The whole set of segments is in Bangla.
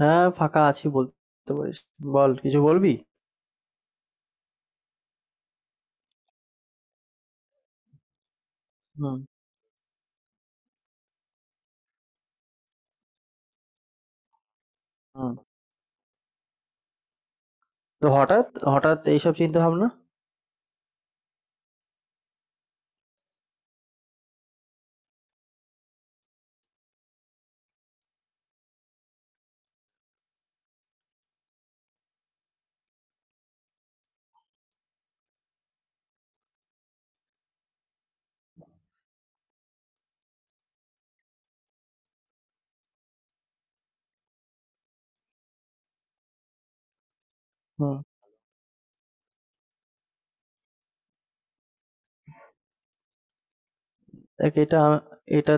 হ্যাঁ, ফাঁকা আছি বলতে পারিস। বল কিছু বলবি? হুম, হুম। তো হঠাৎ এইসব চিন্তাভাবনা? হুম। দেখ এটা এটা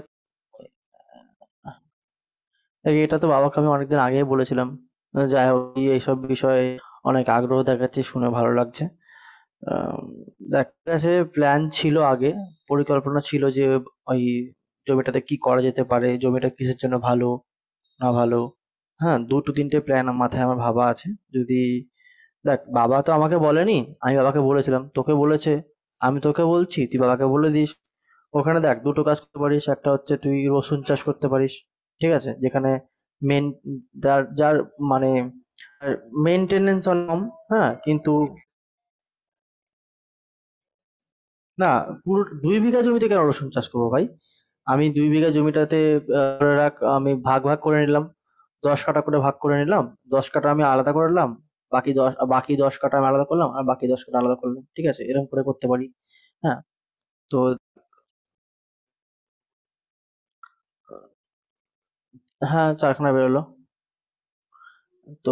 দেখ এটা তো বাবাকে আমি অনেকদিন আগেই বলেছিলাম। যাই হোক তুই এইসব বিষয়ে অনেক আগ্রহ দেখাচ্ছিস শুনে ভালো লাগছে। আম দেখ কাছে প্ল্যান ছিল আগে, পরিকল্পনা ছিল যে ওই জমিটাতে কি করা যেতে পারে, জমিটা কিসের জন্য ভালো, না ভালো। হ্যাঁ, ২-৩ টে প্ল্যান মাথায় আমার ভাবা আছে। যদি দেখ বাবা তো আমাকে বলেনি, আমি বাবাকে বলেছিলাম, তোকে বলেছে। আমি তোকে বলছি, তুই বাবাকে বলে দিস। ওখানে দেখ দুটো কাজ করতে পারিস, একটা হচ্ছে তুই রসুন চাষ করতে পারিস, ঠিক আছে? যেখানে মেন যার যার মানে মেনটেনেন্স কম। হ্যাঁ কিন্তু না, পুরো দুই বিঘা জমিতে কেন রসুন চাষ করবো ভাই? আমি দুই বিঘা জমিটাতে, ধরে রাখ আমি ভাগ ভাগ করে নিলাম, দশ কাঠা করে ভাগ করে নিলাম। দশ কাঠা আমি আলাদা করে নিলাম, বাকি দশ কাঠা আমি আলাদা করলাম, আর বাকি দশ কাঠা আলাদা করলাম। ঠিক আছে, এরকম করে করতে পারি। হ্যাঁ, তো হ্যাঁ, চারখানা বেরোলো। তো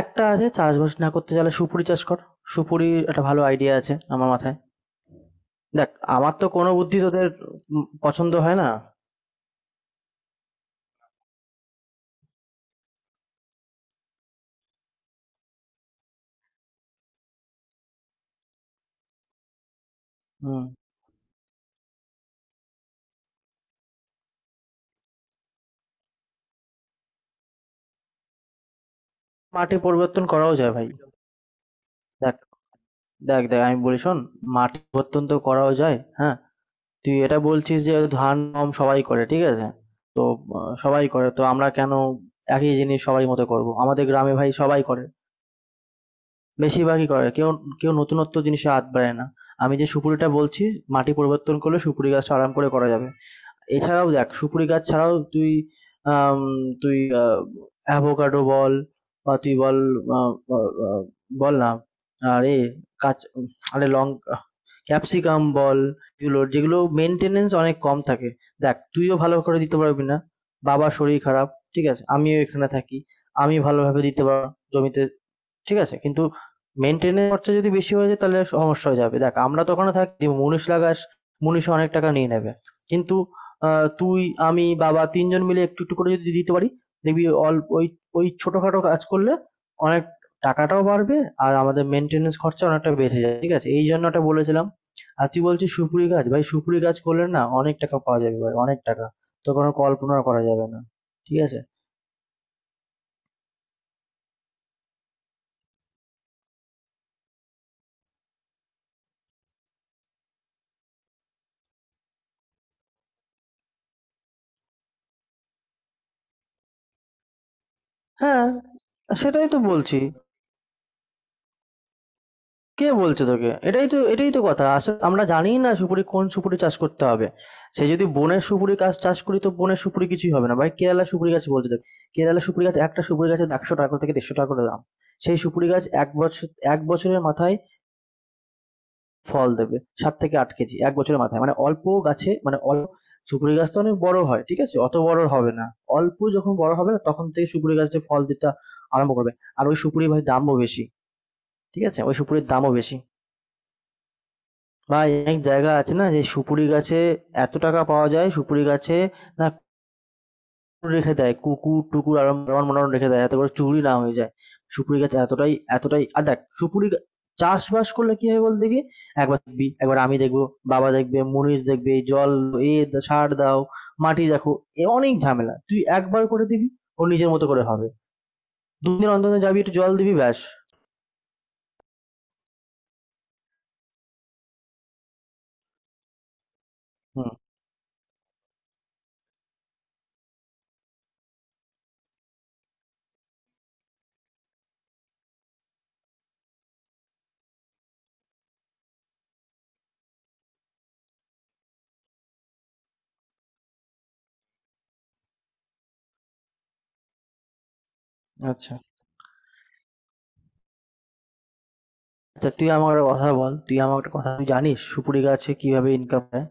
একটা আছে, চাষবাস না করতে চাইলে সুপুরি চাষ কর। সুপুরি একটা ভালো আইডিয়া আছে আমার মাথায়। দেখ, আমার তো কোনো বুদ্ধি তোদের পছন্দ হয় না। হুম। মাটি পরিবর্তন করাও যায় ভাই। দেখ দেখ দেখ আমি বলি শোন, মাটি পরিবর্তন তো করাও যায়, হ্যাঁ। তুই এটা বলছিস যে ধান গম সবাই করে, ঠিক আছে? তো সবাই করে তো আমরা কেন একই জিনিস সবাই মতো করব? আমাদের গ্রামে ভাই সবাই করে, বেশিরভাগই করে। কেউ কেউ নতুনত্ব জিনিসে হাত বাড়ায় না। আমি যে সুপুরিটা বলছি, মাটি পরিবর্তন করলে সুপুরি গাছটা আরাম করে করা যাবে। এছাড়াও দেখ, সুপুরি গাছ ছাড়াও তুই, আম, তুই অ্যাভোকাডো বল, বা তুই বল, আহ, আহ, বল না। আরে কাঁচ, আরে লঙ্কা, ক্যাপসিকাম বল। এগুলোর যেগুলো মেনটেনেন্স অনেক কম থাকে। দেখ, তুইও ভালো করে দিতে পারবি না, বাবার শরীর খারাপ, ঠিক আছে? আমিও এখানে থাকি, আমি ভালোভাবে দিতে পারবো না জমিতে, ঠিক আছে? কিন্তু মেইনটেইনের খরচা যদি বেশি হয়ে যায় তাহলে সমস্যা হয়ে যাবে। দেখ আমরা তো ওখানে থাকি, মুনিশ লাগাস, মুনিশও অনেক টাকা নিয়ে নেবে। কিন্তু আ তুই, আমি, বাবা ৩ জন মিলে একটু করে যদি দিতে পারি, দেখবি অল্প ওই ওই ছোটখাটো কাজ করলে অনেক টাকাটাও বাড়বে, আর আমাদের মেইনটেন্যান্স খরচা অনেকটা বেঁচে যায়। ঠিক আছে? এই জন্য ওটা বলেছিলাম। আর তুই বলছিস সুপুরি গাছ, ভাই সুপুরি গাছ করলে না অনেক টাকা পাওয়া যাবে ভাই, অনেক টাকা। তোর কোনো কল্পনাও করা যাবে না। ঠিক আছে? হ্যাঁ, সেটাই তো বলছি। কে বলছে তোকে? এটাই তো কথা, আসলে আমরা জানি না সুপুরি কোন সুপুরি চাষ করতে হবে। সে যদি বনের সুপুরি গাছ চাষ করি তো বনের সুপুরি কিছুই হবে না ভাই, কেরালা সুপুরি গাছ বলছে। দেখ কেরালা সুপুরি গাছ, একটা সুপুরি গাছে একশো টাকা থেকে দেড়শো টাকা করে দাম। সেই সুপুরি গাছ এক বছর, এক বছরের মাথায় ফল দেবে সাত থেকে আট কেজি এক বছরের মাথায়, মানে অল্প গাছে, মানে অল্প, সুপুরি গাছ তো অনেক বড় হয়, ঠিক আছে? অত বড় হবে না। অল্প যখন বড় হবে না তখন থেকে সুপুরি গাছে ফল দিতে আরম্ভ করবে। আর ওই সুপুরি ভাই দামও বেশি, ঠিক আছে? ওই সুপুরির দামও বেশি। ভাই অনেক জায়গা আছে না যে সুপুরি গাছে এত টাকা পাওয়া যায় সুপুরি গাছে, না কুকুর রেখে দেয়, কুকুর টুকুর আর আমার মনে হয় রেখে দেয়, এত করে চুরি না হয়ে যায়। সুপুরি গাছ এতটাই এতটাই। আর দেখ চাষবাস করলে কি হয় বল দেখি, একবার দেখবি, একবার আমি দেখবো, বাবা দেখবে, মুনিশ দেখবে জল, সার দাও, মাটি দেখো, এ অনেক ঝামেলা? তুই একবার করে দিবি, ও নিজের মতো করে হবে। দুদিন অন্তর অন্তর যাবি, একটু জল দিবি ব্যাস। হুম। আচ্ছা, আচ্ছা তুই আমার একটা কথা বল, তুই আমার একটা কথা তুই জানিস সুপুরি গাছে কিভাবে ইনকাম হয়?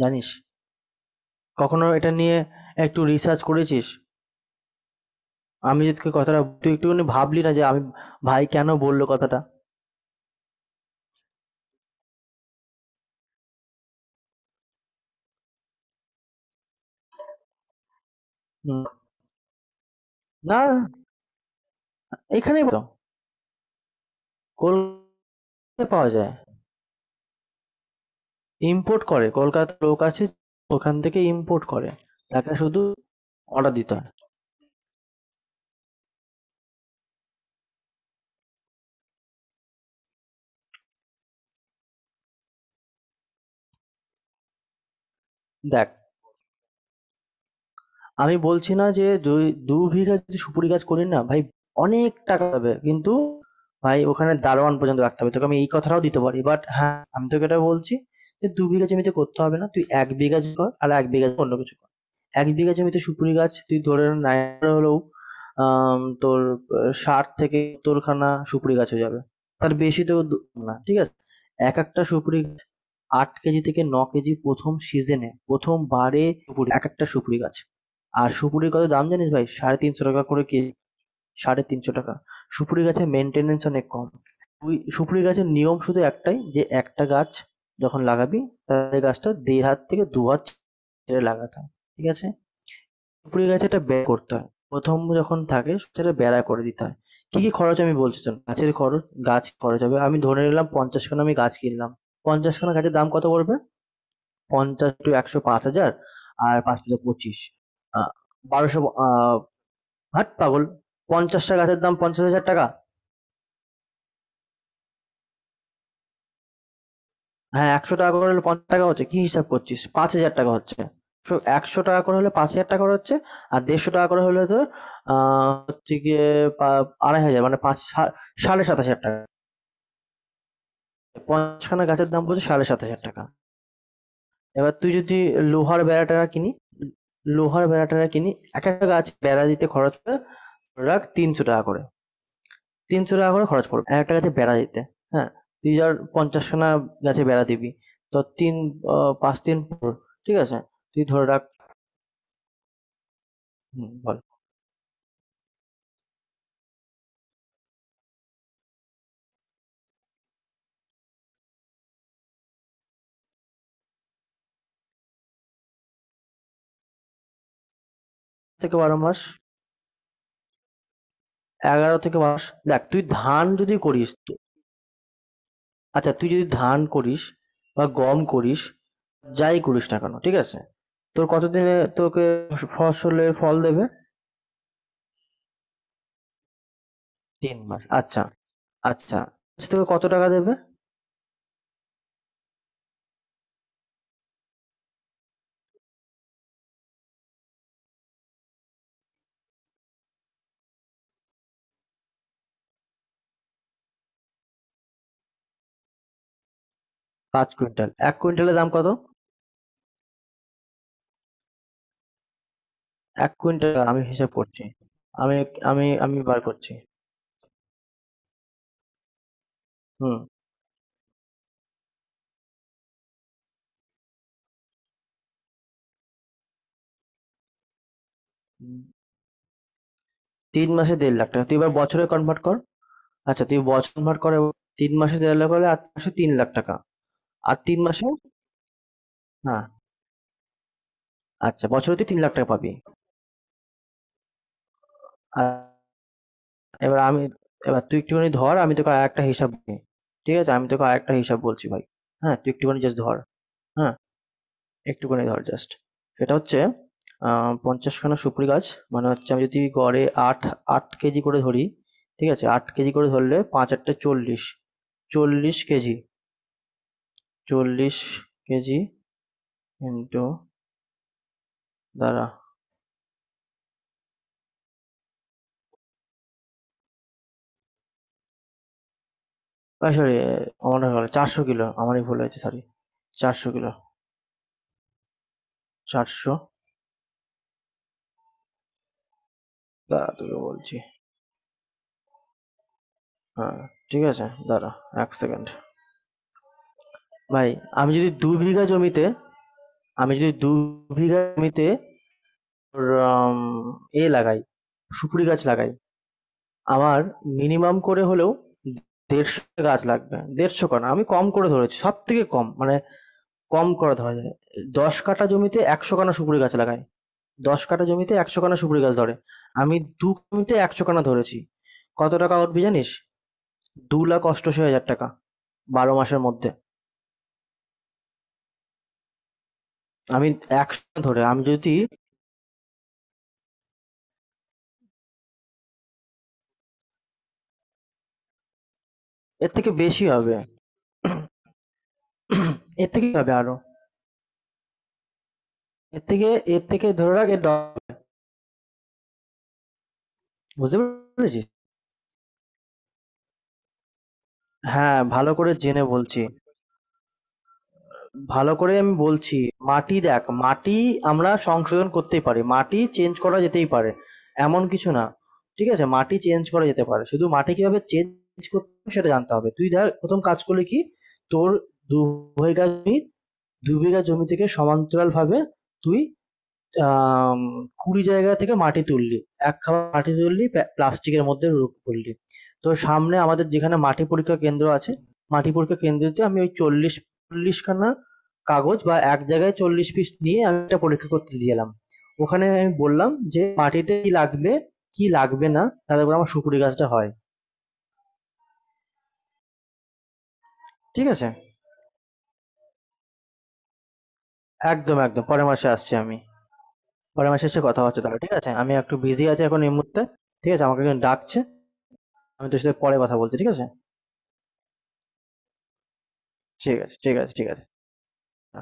জানিস? কখনো এটা নিয়ে একটু রিসার্চ করেছিস? আমি যে তোকে কথাটা, তুই একটুখানি ভাবলি না যে আমি ভাই কেন বললো কথাটা? হুম, না। এখানেই তো কলকাতায় পাওয়া যায়। ইম্পোর্ট করে, কলকাতার লোক আছে ওখান থেকে ইম্পোর্ট করে। তাকে শুধু অর্ডার দিতে হয়। দেখ, আমি বলছি না যে দু বিঘা যদি সুপুরি গাছ করি না ভাই অনেক টাকা হবে, কিন্তু ভাই ওখানে দারোয়ান পর্যন্ত রাখতে হবে তোকে, আমি এই কথাটাও দিতে পারি। বাট হ্যাঁ, আমি তোকে এটা বলছি যে দু বিঘা জমিতে করতে হবে না, তুই এক বিঘা কর আর এক বিঘা অন্য কিছু কর। এক বিঘা জমিতে সুপুরি গাছ তুই ধরে নাই হলেও আম, তোর ষাট থেকে তোর খানা সুপুরি গাছ হয়ে যাবে, তার বেশি তো না, ঠিক আছে? এক একটা সুপুরি গাছ আট কেজি থেকে ন কেজি প্রথম সিজনে, প্রথমবারে সুপুরি, এক একটা সুপুরি গাছ। আর সুপুরির কত দাম জানিস ভাই? সাড়ে তিনশো টাকা করে কেজি, সাড়ে তিনশো টাকা। সুপুরি গাছের মেনটেনেন্স অনেক কম। তুই সুপুরি গাছের নিয়ম শুধু একটাই, যে একটা গাছ যখন লাগাবি তার গাছটা দেড় হাত থেকে দু হাত ছেড়ে লাগাতে হয়, ঠিক আছে? সুপুরি গাছে একটা ব্যয় করতে হয় প্রথম যখন থাকে, সেটা বেড়া করে দিতে হয়। কি কি খরচ আমি বলছি শোন, গাছের খরচ। গাছ খরচ হবে, আমি ধরে নিলাম পঞ্চাশ খানা আমি গাছ কিনলাম, পঞ্চাশ খানা গাছের দাম কত পড়বে? পঞ্চাশ টু একশো, পাঁচ হাজার। আর পাঁচ হাজার পঁচিশ, আহ, বারোশো, আহ, হাট পাগল, পঞ্চাশটা গাছের দাম পঞ্চাশ হাজার টাকা। হ্যাঁ একশো টাকা করে হলে পঞ্চাশ টাকা হচ্ছে কি, হিসাব করছিস? পাঁচ হাজার টাকা হচ্ছে, একশো টাকা করে হলে পাঁচ হাজার টাকা করে হচ্ছে। আর দেড়শো টাকা করে হলে তোর হচ্ছে গিয়ে আড়াই হাজার, মানে সাড়ে সাত হাজার টাকা। পঞ্চাশখানা গাছের দাম পড়ছে সাড়ে সাত হাজার টাকা। এবার তুই যদি লোহার বেড়াটা কিনি লোহার বেড়াটা কিনি, এক একটা গাছ বেড়া দিতে খরচ পড়ে, ধরে রাখ তিনশো টাকা করে। তিনশো টাকা করে খরচ পড়বে একটা গাছে বেড়া দিতে। হ্যাঁ, তুই ধর পঞ্চাশখানা গাছে বেড়া দিবি, তো তিন, পাঁচ দিন। ঠিক আছে, তুই ধরে রাখ। হুম, বল। থেকে বারো মাস, এগারো থেকে মাস। দেখ তুই ধান যদি করিস তো, আচ্ছা তুই যদি ধান করিস বা গম করিস, যাই করিস না কেন ঠিক আছে, তোর কতদিনে তোকে ফসলের ফল দেবে? তিন মাস, আচ্ছা আচ্ছা। আচ্ছা, তোকে কত টাকা দেবে? পাঁচ কুইন্টাল, এক কুইন্টালের দাম কত? এক কুইন্টাল আমি হিসাব করছি, আমি আমি আমি বার করছি। হুম। তিন মাসে দেড় লাখ টাকা, তুই এবার বছরে কনভার্ট কর। আচ্ছা তুই বছর কনভার্ট করে, তিন মাসে দেড় লাখ হলে আর তিন মাসে তিন লাখ টাকা, আর তিন মাসে, হ্যাঁ। আচ্ছা বছরে তুই তিন লাখ টাকা পাবি। আর এবার আমি, এবার তুই একটুখানি ধর, আমি তোকে আর একটা হিসাব দিই, ঠিক আছে? আমি তোকে আর একটা হিসাব বলছি ভাই। হ্যাঁ তুই একটুখানি জাস্ট ধর। হ্যাঁ, একটুখানি ধর জাস্ট। সেটা হচ্ছে পঞ্চাশখানা সুপারি গাছ মানে হচ্ছে, আমি যদি গড়ে আট আট কেজি করে ধরি, ঠিক আছে? আট কেজি করে ধরলে পাঁচ আটটা চল্লিশ, চল্লিশ কেজি, চল্লিশ কেজি, ইন্টু, দ্বারা। সরি, আমার হলো চারশো কিলো, আমারই ভুল হয়েছে সরি। চারশো কিলো, চারশো। দাঁড়া তোকে বলছি। হ্যাঁ, ঠিক আছে দাঁড়া, এক সেকেন্ড। ভাই আমি যদি দু বিঘা জমিতে, আমি যদি দু বিঘা জমিতে ওর আম এ লাগাই, সুপুরি গাছ লাগাই। আমার মিনিমাম করে হলেও ১৫০ টা গাছ লাগবে। ১৫০ কানা, আমি কম করে ধরেছি। সবথেকে কম, মানে কম করে ধরা যায়। ১০ কাঠা জমিতে ১০০ কানা সুপুরি গাছ লাগাই। ১০ কাঠা জমিতে ১০০ কানা সুপুরি গাছ ধরে। আমি ২ জমিতে ১০০ কানা ধরেছি। কত টাকা উঠবে জানিস? ২,৮৮,০০০ টাকা ১২ মাসের মধ্যে। আমি ১০০ ধরে, আমি যদি, এর থেকে বেশি হবে। এর থেকে হবে আরো। এর থেকে এর থেকে ধরে রাখ, এর ড, বুঝতে পেরেছিস? হ্যাঁ, ভালো করে জেনে বলছি। ভালো করে আমি বলছি। মাটি দেখ, মাটি আমরা সংশোধন করতেই পারি। মাটি চেঞ্জ করা যেতেই পারে। এমন কিছু না। ঠিক আছে? মাটি চেঞ্জ করা যেতে পারে। শুধু মাটি কিভাবে চেঞ্জ করতে হবে সেটা জানতে হবে। তুই ধর প্রথম কাজ করলি কি? তোর দু বিঘা জমি, দু বিঘা জমি থেকে সমান্তরালভাবে তুই আম, কুড়ি জায়গা থেকে মাটি তুললি, এক খাবার মাটি তুললি, প্লাস্টিকের মধ্যে রূপ করলি, তো সামনে আমাদের যেখানে মাটি পরীক্ষা কেন্দ্র আছে, মাটি পরীক্ষা কেন্দ্রতে আমি ওই চল্লিশ চল্লিশ খানা কাগজ বা এক জায়গায় চল্লিশ পিস নিয়ে আমি এটা পরীক্ষা করতে দিয়েলাম। ওখানে আমি বললাম যে মাটিতে কি লাগবে, কি লাগবে না, তাদের উপর আমার সুপুরি গাছটা হয়। ঠিক আছে। একদম একদম পরের মাসে আসছি আমি। পরের মাসে এসে কথা হচ্ছে তাহলে, ঠিক আছে? আমি একটু বিজি আছি এখন এই মুহূর্তে। ঠিক আছে, আমাকে একজন ডাকছে, আমি তোর সাথে পরে কথা বলছি, ঠিক আছে? ঠিক আছে, ঠিক আছে, ঠিক আছে। আ